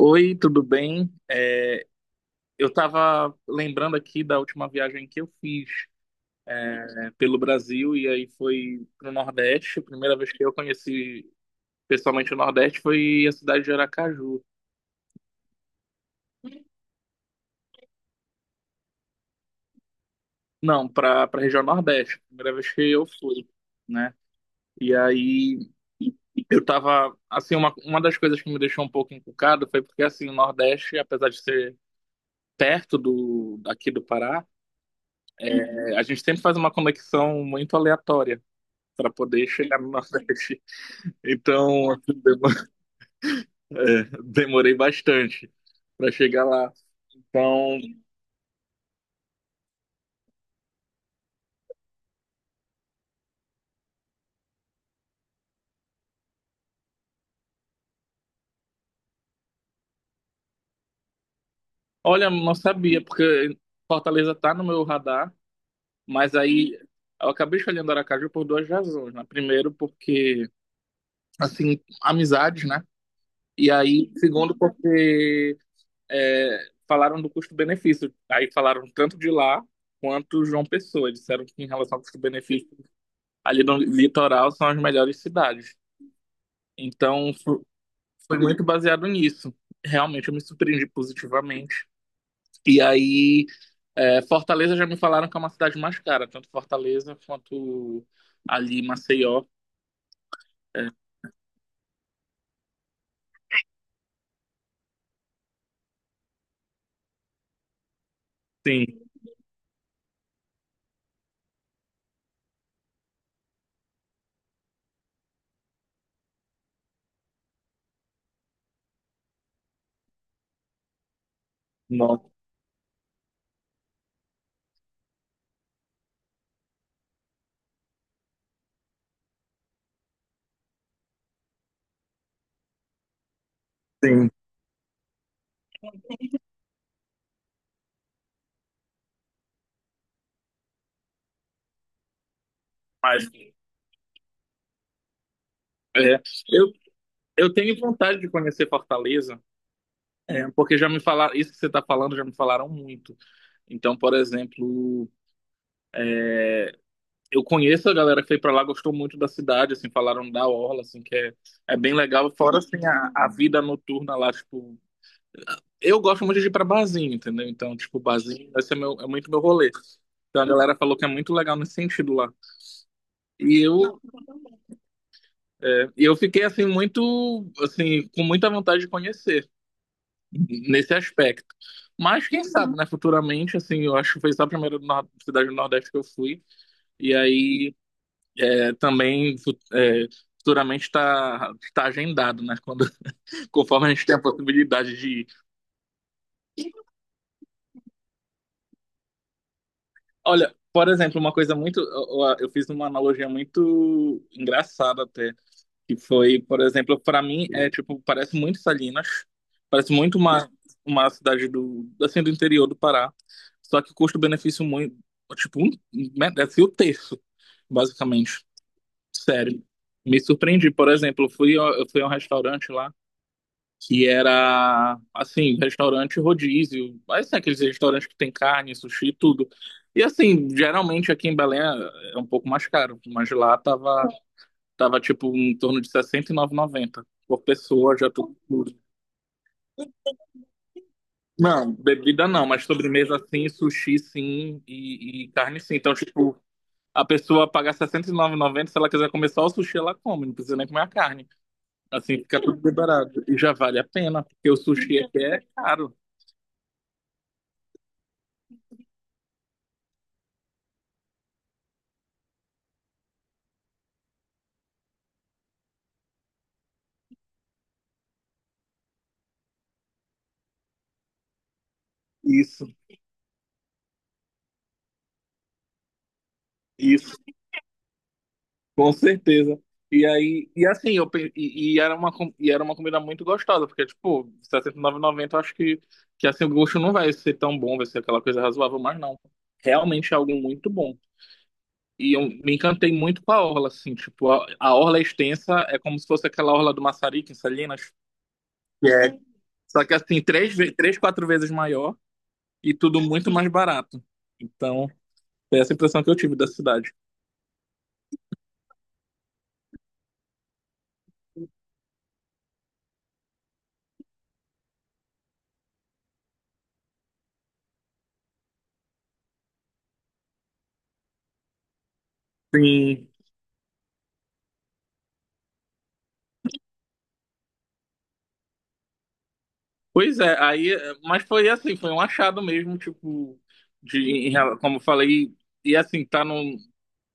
Oi, tudo bem? Eu estava lembrando aqui da última viagem que eu fiz, né, pelo Brasil e aí foi para o Nordeste. A primeira vez que eu conheci pessoalmente o Nordeste foi a cidade de Aracaju. Não, para a região Nordeste, primeira vez que eu fui, né? E aí eu tava, assim, uma das coisas que me deixou um pouco encucado foi porque, assim, o Nordeste, apesar de ser perto do, aqui do Pará, a gente sempre faz uma conexão muito aleatória para poder chegar no Nordeste. Então, assim, demorei bastante para chegar lá. Então, olha, não sabia, porque Fortaleza tá no meu radar, mas aí eu acabei escolhendo Aracaju por duas razões, né? Primeiro, porque, assim, amizades, né? E aí, segundo, porque falaram do custo-benefício. Aí falaram tanto de lá quanto João Pessoa. Disseram que em relação ao custo-benefício, ali no litoral são as melhores cidades. Então, foi muito baseado nisso. Realmente eu me surpreendi positivamente. E aí, Fortaleza já me falaram que é uma cidade mais cara, tanto Fortaleza quanto ali Maceió. É, sim, não, sim. Mas é, eu, eu tenho vontade de conhecer Fortaleza, porque já me falaram, isso que você está falando, já me falaram muito. Então, por exemplo, eu conheço a galera que foi para lá, gostou muito da cidade, assim, falaram da orla, assim, que é bem legal. Fora, assim, a vida noturna lá, tipo, eu gosto muito de ir pra barzinho, entendeu? Então, tipo, barzinho, esse é, meu, é muito meu rolê. Então a galera falou que é muito legal nesse sentido lá. E eu, e eu fiquei assim muito, assim, com muita vontade de conhecer nesse aspecto. Mas quem sabe, né, futuramente, assim, eu acho que foi só a primeira cidade do Nordeste que eu fui. E aí também futuramente está tá tá agendado, né? Quando, conforme a gente tem a possibilidade de ir. Olha, por exemplo, uma coisa muito. Eu fiz uma analogia muito engraçada até, que foi, por exemplo, pra mim é tipo, parece muito Salinas, parece muito uma cidade do, assim, do interior do Pará, só que custo-benefício muito. Tipo, um, merece o terço, basicamente. Sério. Me surpreendi, por exemplo, eu fui a um restaurante lá que era, assim, restaurante rodízio, mas assim, aqueles restaurantes que tem carne, sushi, tudo. E assim, geralmente aqui em Belém é um pouco mais caro, mas lá tava tipo em torno de R$ sessenta e nove e noventa por pessoa, já tudo incluso. Não, bebida não, mas sobremesa sim, sushi sim e carne sim. Então, tipo, a pessoa paga R$ sessenta e nove e noventa, se ela quiser comer só o sushi, ela come, não precisa nem comer a carne. Assim, fica tudo liberado. E já vale a pena, porque o sushi aqui é caro. Isso, isso. Com certeza. E aí, e assim, eu, pe- e era uma, com- e era uma comida muito gostosa, porque, tipo, sessenta e R$69,90 eu acho que assim, o gosto não vai ser tão bom, vai ser aquela coisa razoável, mas não. Realmente é algo muito bom. E eu me encantei muito com a orla, assim, tipo, a orla é extensa é como se fosse aquela orla do Maçarico, em Salinas. É. Só que, assim, três, quatro vezes maior e tudo muito mais barato. Então, é essa impressão que eu tive da cidade. Sim. Pois é, aí, mas foi assim, foi um achado mesmo, tipo, como eu falei, e assim, tá num,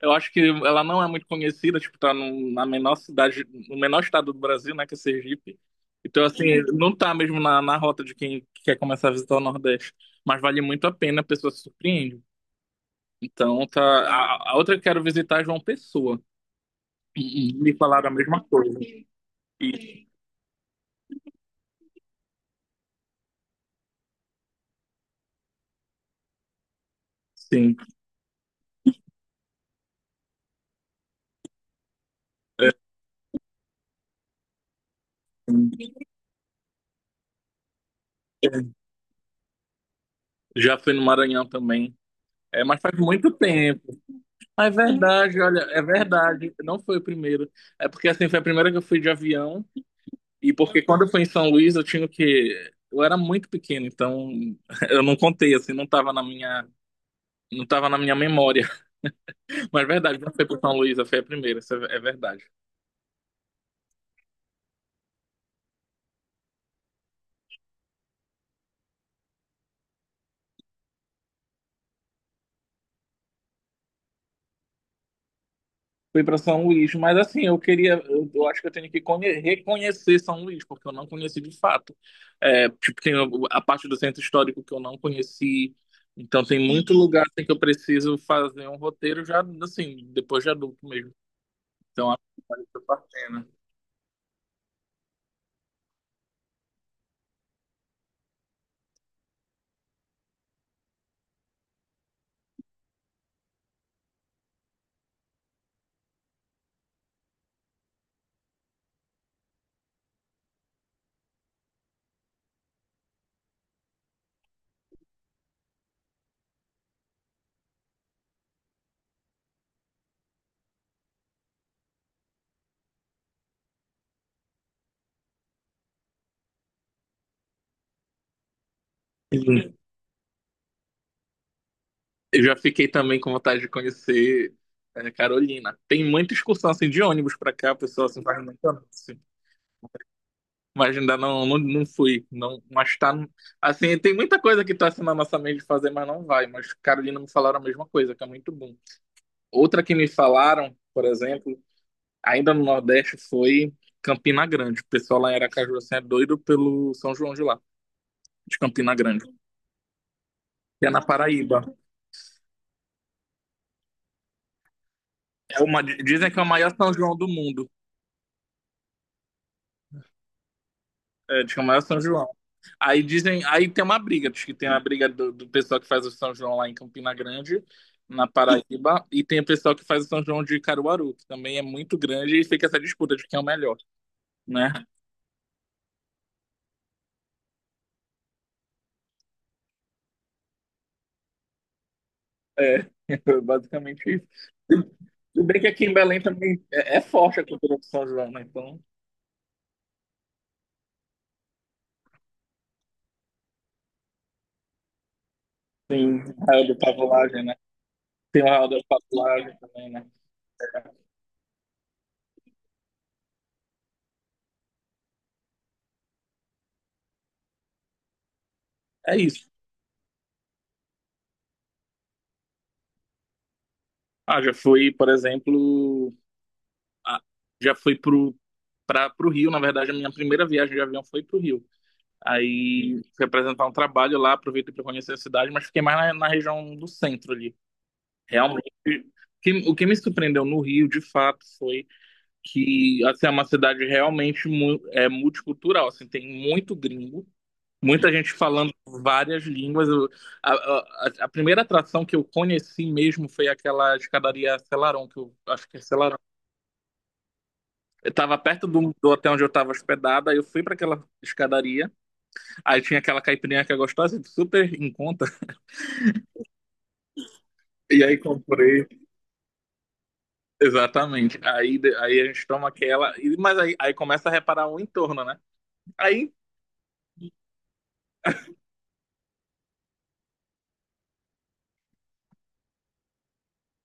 eu acho que ela não é muito conhecida, tipo, tá num, na menor cidade, no menor estado do Brasil, né, que é Sergipe, então assim, não tá mesmo na, rota de quem quer começar a visitar o Nordeste, mas vale muito a pena, a pessoa se surpreende, então tá, a outra que quero visitar é João Pessoa. E me falaram a mesma coisa. E, sim, é, é, já fui no Maranhão também. É, mas faz muito tempo. Ah, é verdade, olha, é verdade. Não foi o primeiro. É porque assim, foi a primeira que eu fui de avião. E porque quando eu fui em São Luís, eu tinha o quê? Eu era muito pequeno, então eu não contei, assim, não tava na minha memória. Mas é verdade, não foi pro São Luís, foi a primeira, isso é verdade. Fui para São Luís, mas assim, eu queria, eu acho que eu tenho que reconhecer São Luís, porque eu não conheci de fato. É, tipo, tem a parte do centro histórico que eu não conheci, então tem muito lugar assim, que eu preciso fazer um roteiro já, assim, depois de adulto mesmo. Então, acho que vale a pena. Sim. Eu já fiquei também com vontade de conhecer Carolina. Tem muita excursão assim, de ônibus para cá, a pessoa assim, faz muito anúncio. Mas ainda não, não, não fui. Não, mas tá. Assim, tem muita coisa que tá assim na nossa mente de fazer, mas não vai. Mas Carolina me falaram a mesma coisa, que é muito bom. Outra que me falaram, por exemplo, ainda no Nordeste, foi Campina Grande. O pessoal lá em Aracaju assim, é doido pelo São João de lá, de Campina Grande. Que é na Paraíba. Dizem que é o maior São João do mundo. É, diz que é o maior São João. Aí dizem, aí tem uma briga, diz que tem a briga do pessoal que faz o São João lá em Campina Grande, na Paraíba, e tem o pessoal que faz o São João de Caruaru, que também é muito grande, e fica essa disputa de quem é o melhor, né? É, basicamente isso. Tudo bem que aqui em Belém também é forte a cultura do São João, né? Então tem o Arraial da Pavulagem, né? Tem o Arraial da Pavulagem também, né? É isso. Ah, já fui, por exemplo, ah, já fui pro Rio, na verdade, a minha primeira viagem de avião foi pro Rio. Aí fui apresentar um trabalho lá, aproveitei para conhecer a cidade, mas fiquei mais na, região do centro ali. Realmente, o que me surpreendeu no Rio, de fato, foi que assim, é uma cidade realmente é multicultural, assim, tem muito gringo, muita gente falando várias línguas. A primeira atração que eu conheci mesmo foi aquela escadaria Selarón, que eu acho que é Selarón. Eu estava perto do hotel onde eu estava hospedada, aí eu fui para aquela escadaria, aí tinha aquela caipirinha que é gostosa, super em conta. E aí comprei. Exatamente. Aí, aí a gente toma aquela. Mas aí começa a reparar o entorno, né? Aí.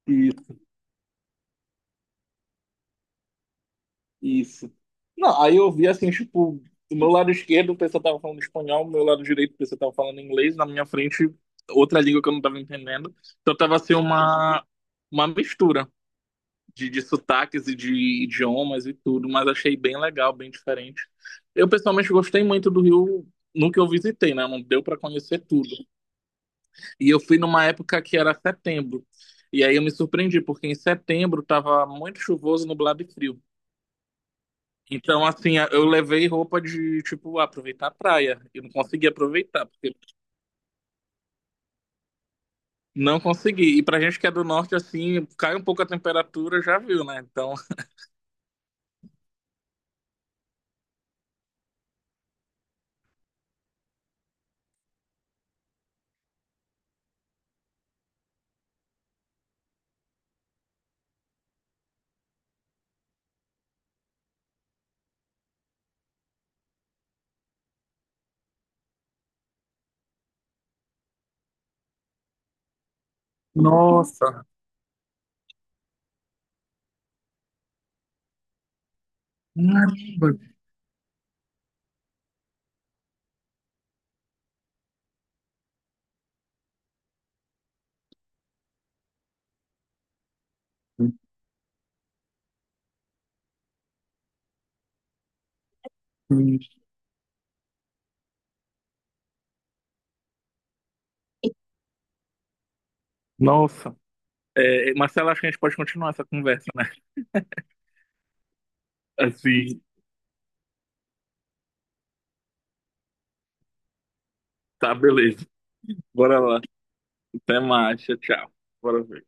Isso, isso. Não, aí eu vi assim, tipo, do meu lado esquerdo o pessoal tava falando espanhol, do meu lado direito o pessoal tava falando inglês, na minha frente outra língua que eu não tava entendendo. Então tava assim uma mistura de sotaques e de idiomas e tudo, mas achei bem legal, bem diferente. Eu pessoalmente gostei muito do Rio no que eu visitei, né? Não deu pra conhecer tudo. E eu fui numa época que era setembro. E aí eu me surpreendi, porque em setembro tava muito chuvoso, nublado e frio. Então, assim, eu levei roupa de, tipo, aproveitar a praia. Eu não consegui aproveitar, porque não consegui. E pra gente que é do norte, assim, cai um pouco a temperatura, já viu, né? Então, nossa, caramba, nossa. É, Marcelo, acho que a gente pode continuar essa conversa, né? Assim, tá, beleza. Bora lá. Até mais. Tchau, tchau. Bora ver.